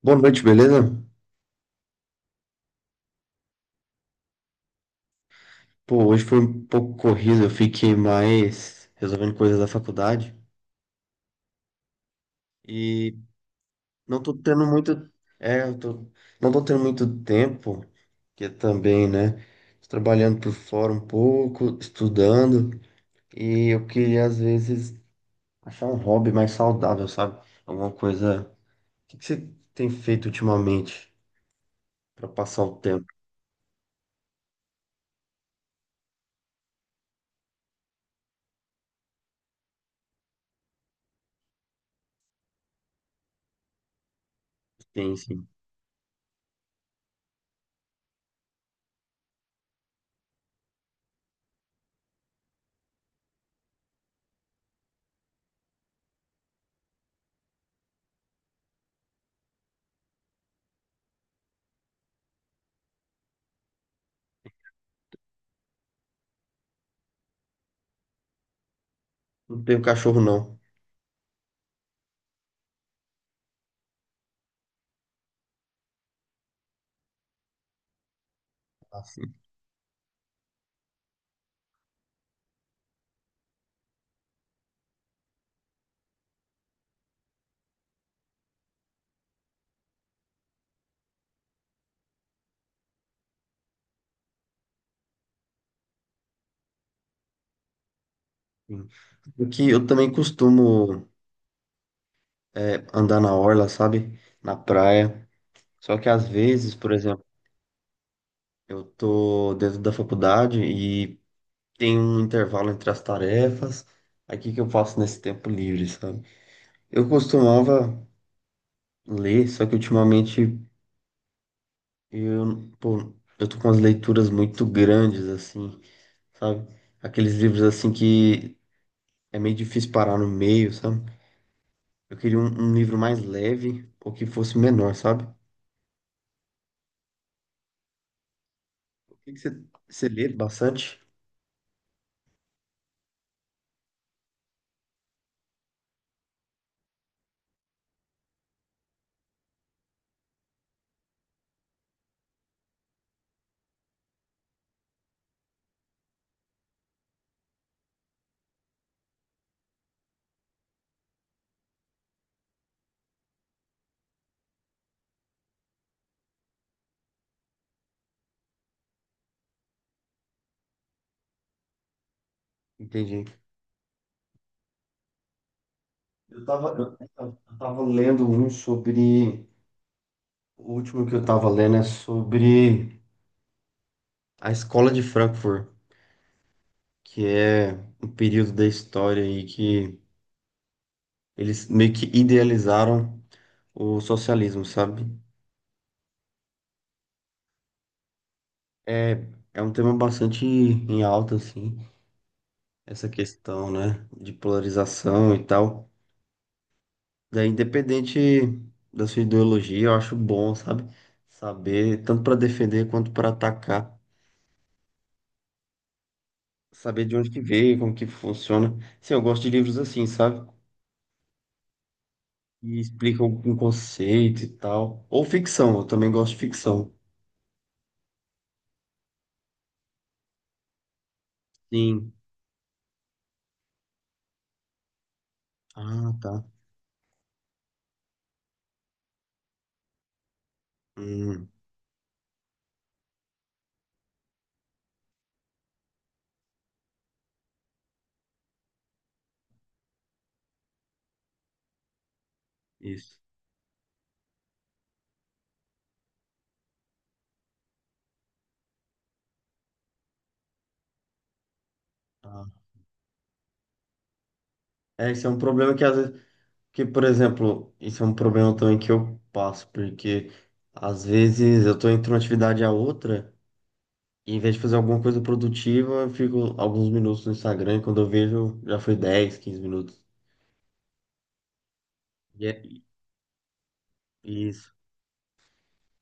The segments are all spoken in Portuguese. Boa noite, beleza? Pô, hoje foi um pouco corrido, eu fiquei mais resolvendo coisas da faculdade e não tô tendo muito, é, eu tô, não tô tendo muito tempo, que é também, né? Tô trabalhando por fora um pouco, estudando e eu queria às vezes achar um hobby mais saudável, sabe? Alguma coisa. O que que você tem feito ultimamente pra passar o tempo? Tem, sim. Não tenho cachorro não. Assim, sim. O que eu também costumo é, andar na orla, sabe? Na praia. Só que às vezes, por exemplo, eu tô dentro da faculdade e tem um intervalo entre as tarefas. Aí o que que eu faço nesse tempo livre, sabe? Eu costumava ler, só que ultimamente pô, eu tô com as leituras muito grandes, assim, sabe? Aqueles livros assim que é meio difícil parar no meio, sabe? Eu queria um livro mais leve ou que fosse menor, sabe? O que que você lê bastante? Entendi. Eu tava, eu tava lendo um sobre. O último que eu tava lendo é sobre a escola de Frankfurt, que é um período da história aí que eles meio que idealizaram o socialismo, sabe? É, é, um tema bastante em alta, assim, essa questão, né, de polarização e tal. Daí, independente da sua ideologia, eu acho bom, sabe? Saber, tanto para defender quanto para atacar. Saber de onde que veio, como que funciona. Sim, eu gosto de livros assim, sabe? Que explicam um conceito e tal. Ou ficção, eu também gosto de ficção. Sim. Ah, tá. Hum, isso. Ah. É, esse é um problema que às vezes, que, por exemplo, isso é um problema também que eu passo, porque às vezes eu tô entre uma atividade a outra, e em vez de fazer alguma coisa produtiva, eu fico alguns minutos no Instagram, e quando eu vejo, já foi 10 15 minutos. E é isso.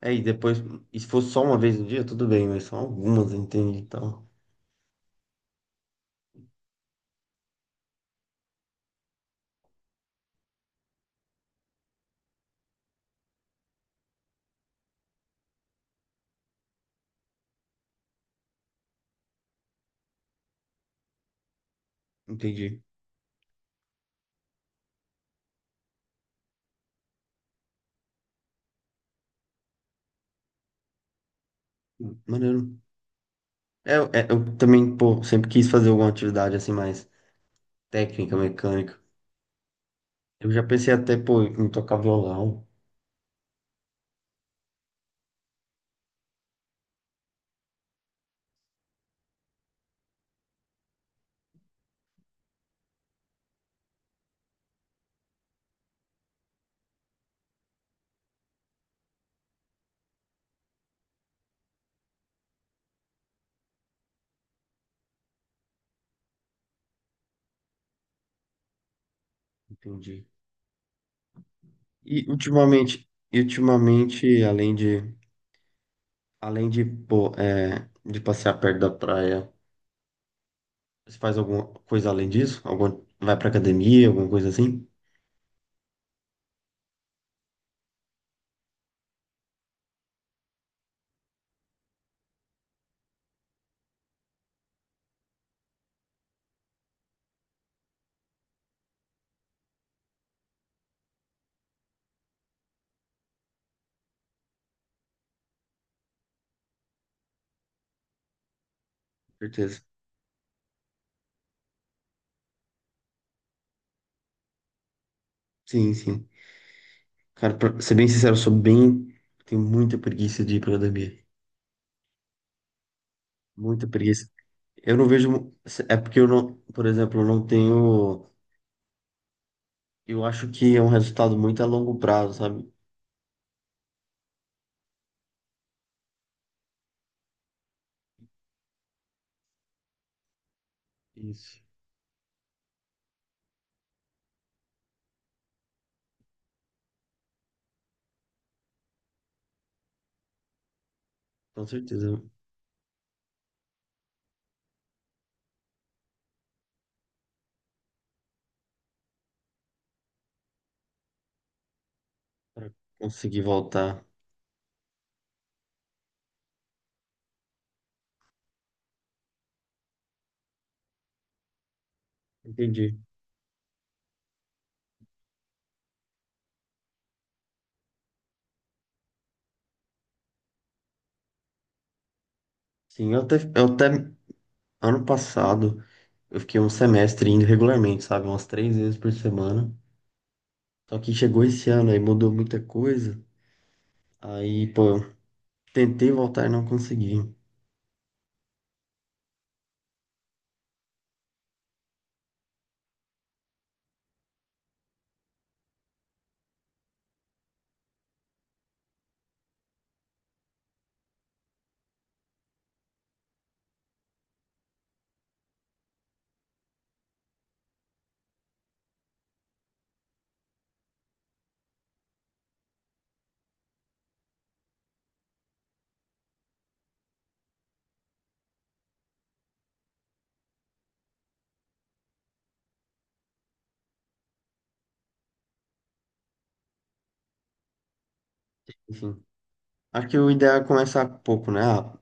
É, e depois, e se fosse só uma vez no dia, tudo bem, mas são algumas, entende? Então, entendi. Maneiro. Eu também, pô, sempre quis fazer alguma atividade assim mais técnica, mecânica. Eu já pensei até, pô, em tocar violão. Entendi. E ultimamente, pô, de passear perto da praia, você faz alguma coisa além disso? Alguma, vai pra academia, alguma coisa assim? Certeza. Sim, sim. Cara, pra ser bem sincero, eu sou bem. Tenho muita preguiça de ir pra academia. Muita preguiça. Eu não vejo. É porque eu não. Por exemplo, eu não tenho. Eu acho que é um resultado muito a longo prazo, sabe? Isso. Com certeza. Pra conseguir voltar. Entendi. Sim, eu até, eu até. ano passado, eu fiquei um semestre indo regularmente, sabe? Umas três vezes por semana. Só que chegou esse ano, aí mudou muita coisa. Aí, pô, eu tentei voltar e não consegui. Enfim. Acho que o ideal é começar pouco, né? Ah,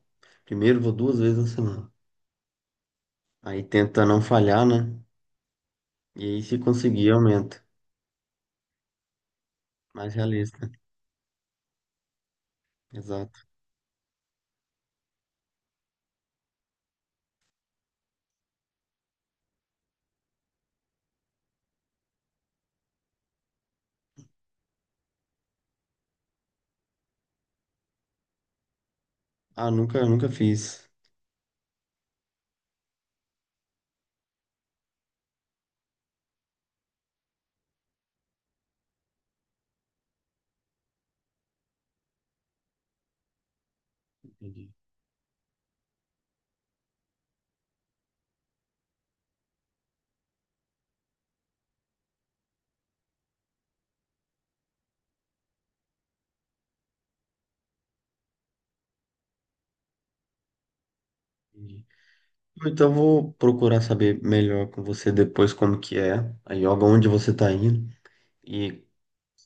primeiro vou duas vezes na semana. Aí tenta não falhar, né? E aí se conseguir, aumenta. Mais realista. Exato. Ah, nunca, nunca fiz. Entendi, entendi. Então vou procurar saber melhor com você depois como que é a yoga, onde você tá indo. E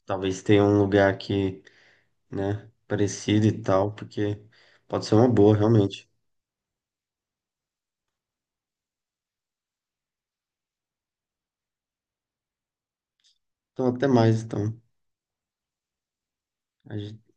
talvez tenha um lugar que, né, parecido e tal, porque pode ser uma boa, realmente. Então até mais, então. A gente